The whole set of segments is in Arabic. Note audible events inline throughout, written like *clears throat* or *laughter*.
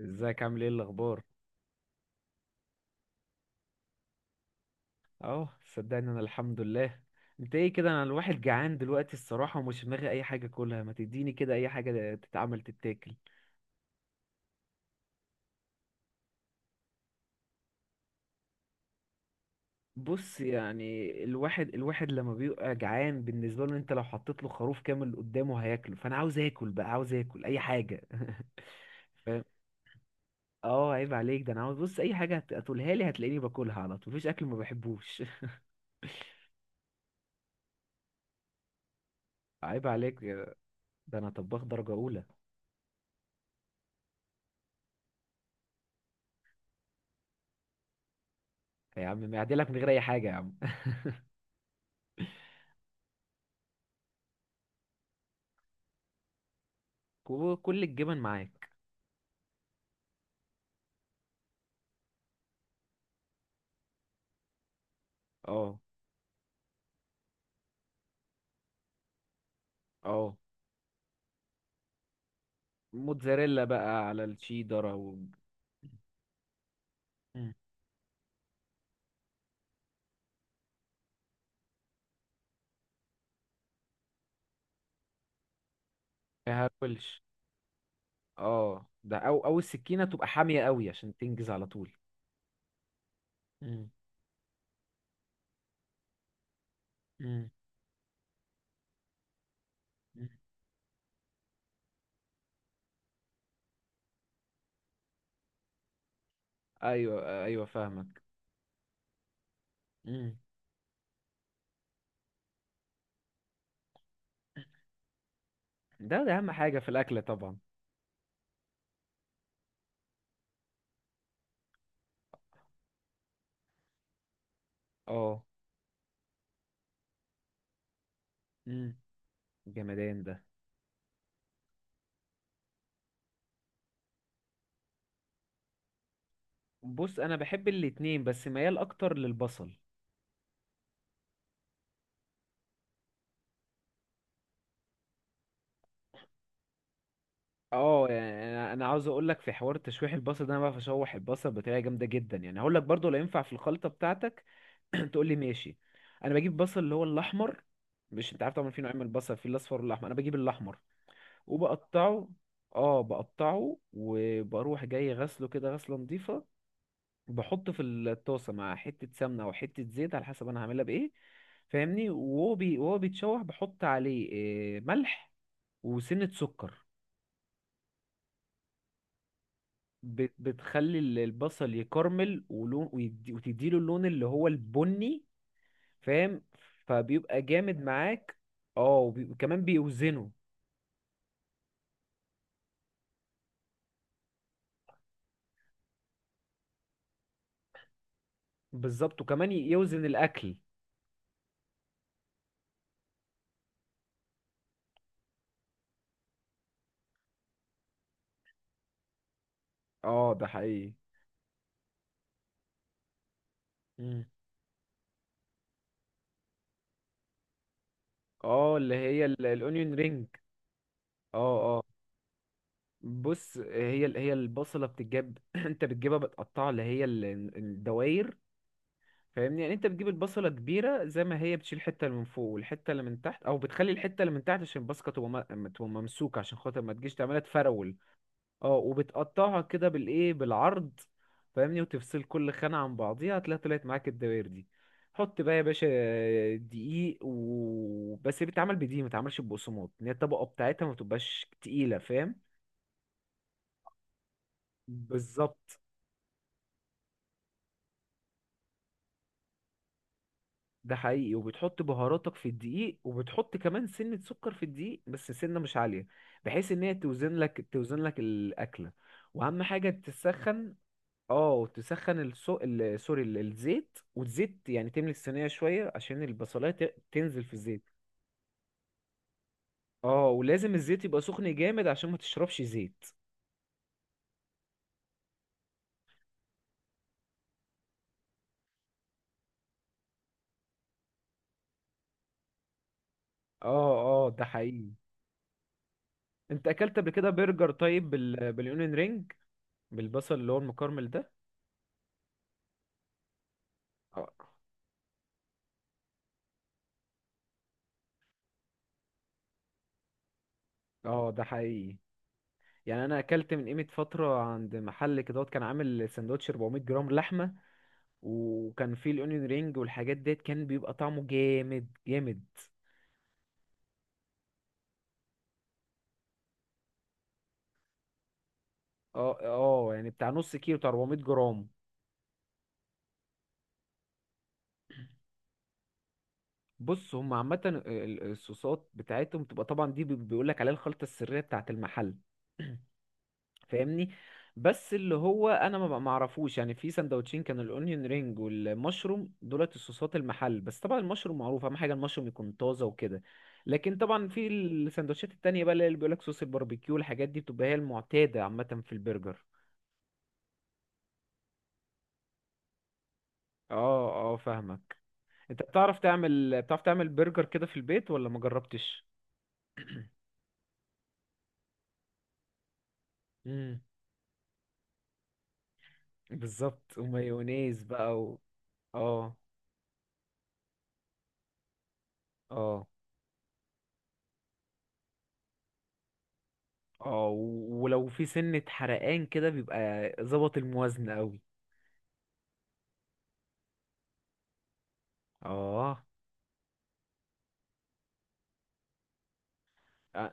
ازيك عامل ايه الاخبار؟ اهو صدقني، انا الحمد لله. انت ايه كده؟ انا الواحد جعان دلوقتي الصراحه ومش في دماغي اي حاجه، كلها ما تديني كده اي حاجه تتعمل تتاكل. بص يعني الواحد لما بيبقى جعان بالنسبه له، انت لو حطيت له خروف كامل قدامه هياكله، فانا عاوز اكل بقى، عاوز اكل اي حاجه. *laughs* فاهم. اه عيب عليك، ده انا عاوز بص اي حاجه هتقولها لي هتلاقيني باكلها على طول، مفيش اكل ما بحبوش. *laughs* عيب عليك، ده انا طباخ درجه اولى. يا عم معدلك من غير اي حاجه يا عم. *laughs* وكل الجبن معاك. اه اه. موتزاريلا بقى على الشيدر او. مم. هاكلش. اه، ده او السكينه تبقى حاميه قوي عشان تنجز على طول. مم. مم. مم. ايوه ايوه فاهمك. مم. ده اهم حاجه في الاكل طبعا. اه. مم. جمدان ده. بص انا بحب الاتنين بس ميال اكتر للبصل. اه يعني انا عاوز اقول لك في حوار تشويح البصل ده، انا بعرف اشوح البصل بطريقه جامده جدا، يعني هقول لك برضو لا ينفع في الخلطه بتاعتك. *clears throat* تقول لي ماشي. انا بجيب بصل اللي هو الاحمر. مش انت عارف طبعا في نوعين من البصل، في الاصفر والاحمر، انا بجيب الاحمر وبقطعه. اه بقطعه وبروح جاي غسله كده غسله نظيفه. بحطه في الطاسه مع حته سمنه او حته زيت على حسب انا هعملها بايه. فاهمني. وهو بيتشوح بحط عليه ملح وسنه سكر. بتخلي البصل يكرمل ولون وتديله اللون اللي هو البني. فاهم. فبيبقى جامد معاك. اه، وكمان بيوزنه. بالظبط وكمان يوزن الاكل. اه ده حقيقي. مم. اه اللي هي الاونيون رينج. اه اه. بص هي البصله بتتجاب، *clears throat* انت بتجيبها بتقطعها اللي هي الدواير. فاهمني. يعني انت بتجيب البصله كبيره زي ما هي، بتشيل الحته اللي من فوق والحته اللي من تحت، او بتخلي الحته اللي من تحت عشان البصله تبقى ممسوكه، عشان خاطر ما تجيش تعملها تفرول. اه وبتقطعها كده بالايه، بالعرض. فاهمني. وتفصل كل خانة عن بعضيها هتلاقي طلعت معاك الدوائر دي. حط بقى يا باشا دقيق بس هي بتتعمل بدقيق، ما بتتعملش ببقسماط، ان هي الطبقة بتاعتها ما بتبقاش تقيلة. فاهم. بالظبط. ده حقيقي. وبتحط بهاراتك في الدقيق، وبتحط كمان سنة سكر في الدقيق بس سنة مش عالية، بحيث ان هي توزن لك الأكلة. واهم حاجة تسخن. اه تسخن الصو... ال... سوري ال- الزيت. والزيت يعني تملي الصينية شوية عشان البصلاية تنزل في الزيت. اه ولازم الزيت يبقى سخن جامد عشان ما تشربش زيت. اه اه ده حقيقي. انت اكلت قبل كده برجر طيب بالاونيون رينج، بالبصل اللي هو المكرمل ده. اه اه ده حقيقي. يعني انا اكلت من قيمة فترة عند محل كده، كان عامل سندوتش 400 جرام لحمة، وكان فيه الاونيون رينج والحاجات ديت، كان بيبقى طعمه جامد جامد. اه اه يعني بتاع نص كيلو، بتاع 400 جرام. بص هم عامة الصوصات بتاعتهم بتبقى طبعا دي بيقول لك عليها الخلطة السرية بتاعت المحل. *clears throat* فاهمني. بس اللي هو انا ما اعرفوش، يعني في سندوتشين كان الاونيون رينج والمشروم دولت الصوصات المحل، بس طبعا المشروم معروف اهم حاجة المشروم يكون طازة وكده. لكن طبعا في السندوتشات التانية بقى اللي بيقول لك صوص الباربيكيو الحاجات دي، بتبقى هي المعتادة عامة في البرجر. اه اه فاهمك. انت بتعرف تعمل برجر كده في البيت ولا ما جربتش؟ امم. بالظبط، ومايونيز بقى اه اه اه. ولو في سنة حرقان كده بيبقى ظبط الموازنة قوي. اه. أ-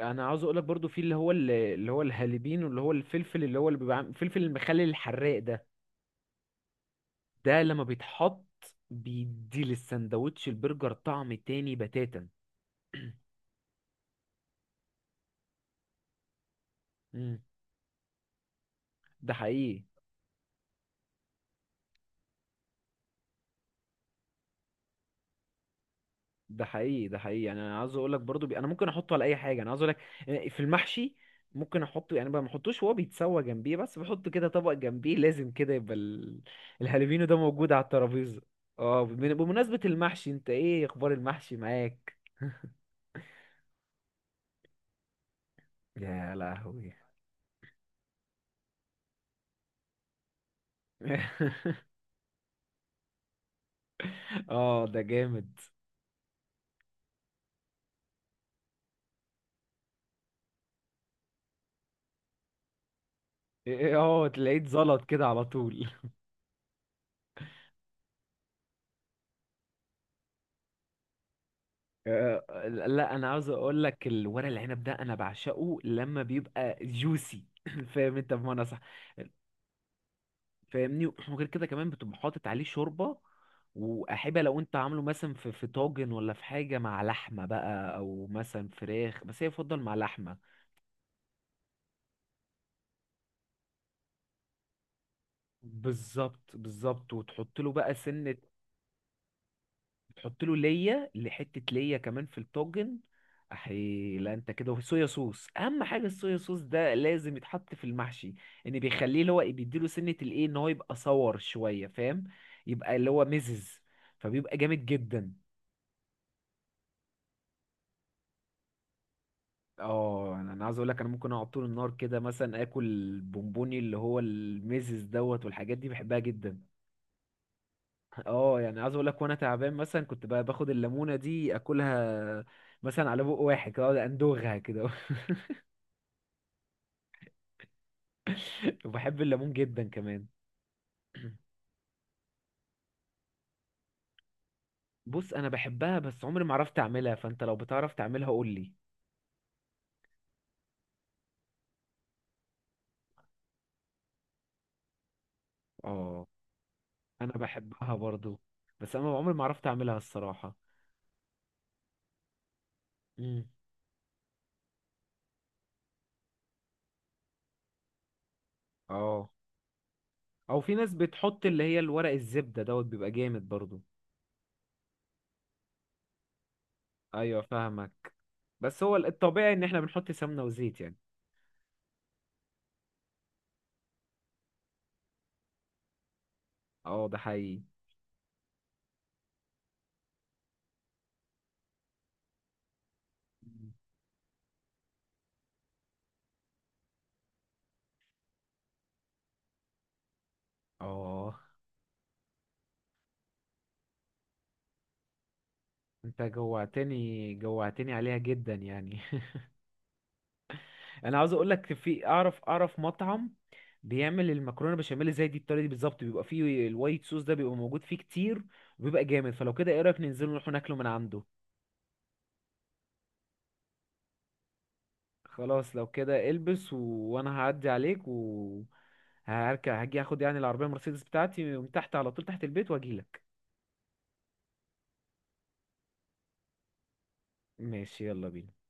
انا عاوز اقولك برضو في اللي هو اللي هو الهالبين، واللي هو الفلفل اللي هو اللي بيبقى الفلفل المخلل الحراق ده. ده لما بيتحط بيدي للسندوتش البرجر طعم تاني بتاتا. امم. ده حقيقي ده حقيقي ده حقيقي. يعني انا عاوز اقول لك برضو انا ممكن احطه على اي حاجه، انا عاوز اقول لك في المحشي. ممكن احطه يعني بقى، ما احطوش وهو بيتسوى جنبيه بس بحطه كده طبق جنبيه، لازم كده يبقى الهالوفينو ده موجود على الترابيزه. اه. بمناسبه المحشي انت ايه اخبار المحشي معاك؟ *laughs* يا لهوي. *laughs* اه ده جامد. إيه، إيه، اه تلاقيه اتزلط كده على طول. *laughs* لا انا عاوز اقول لك الورق العنب ده انا بعشقه لما بيبقى جوسي. *laughs* *clears throat* فاهم انت بمعنى صح. فاهمني. وغير كده كمان بتبقى حاطط عليه شوربة، وأحبة لو أنت عامله مثلا في طاجن، ولا في حاجة مع لحمة بقى، أو مثلا فراخ، بس هي يفضل مع لحمة. بالظبط بالظبط، وتحط له بقى سنة. تحط له ليا لحتة ليا كمان في الطاجن. أحي لا، أنت كده صويا صوص. أهم حاجة الصويا صوص ده لازم يتحط في المحشي. إن بيخليه اللي هو إيه، بيديله سنة الإيه إن هو يبقى صور شوية. فاهم. يبقى اللي هو مزز، فبيبقى جامد جدا. اه، انا عاوز اقول لك انا ممكن اقعد طول النهار كده، مثلا اكل البونبوني اللي هو الميزز دوت والحاجات دي بحبها جدا. اه يعني عاوز اقول لك، وانا تعبان مثلا كنت بقى باخد الليمونه دي اكلها، مثلا على بق واحد كده أقعد اندوغها كده. *laughs* وبحب الليمون جدا كمان. بص انا بحبها بس عمري ما عرفت اعملها، فانت لو بتعرف تعملها قول لي. اه انا بحبها برضو، بس انا عمري ما عرفت اعملها الصراحه. امم. اه، او في ناس بتحط اللي هي الورق الزبده دوت بيبقى جامد برضو. ايوه فاهمك. بس هو الطبيعي ان احنا بنحط سمنه وزيت يعني. اه ده حقيقي. اه انت جوعتني جوعتني عليها جدا يعني. *laughs* انا عاوز اقول لك في اعرف مطعم بيعمل المكرونه بشاميل زي دي الطريقه دي بالظبط، بيبقى فيه الوايت صوص ده بيبقى موجود فيه كتير، وبيبقى جامد. فلو كده ايه رايك ننزل نروح ناكله من عنده؟ خلاص لو كده البس وانا هعدي عليك هركب هاجي اخد يعني العربيه مرسيدس بتاعتي من تحت على طول تحت البيت واجيلك. ماشي يلا بينا.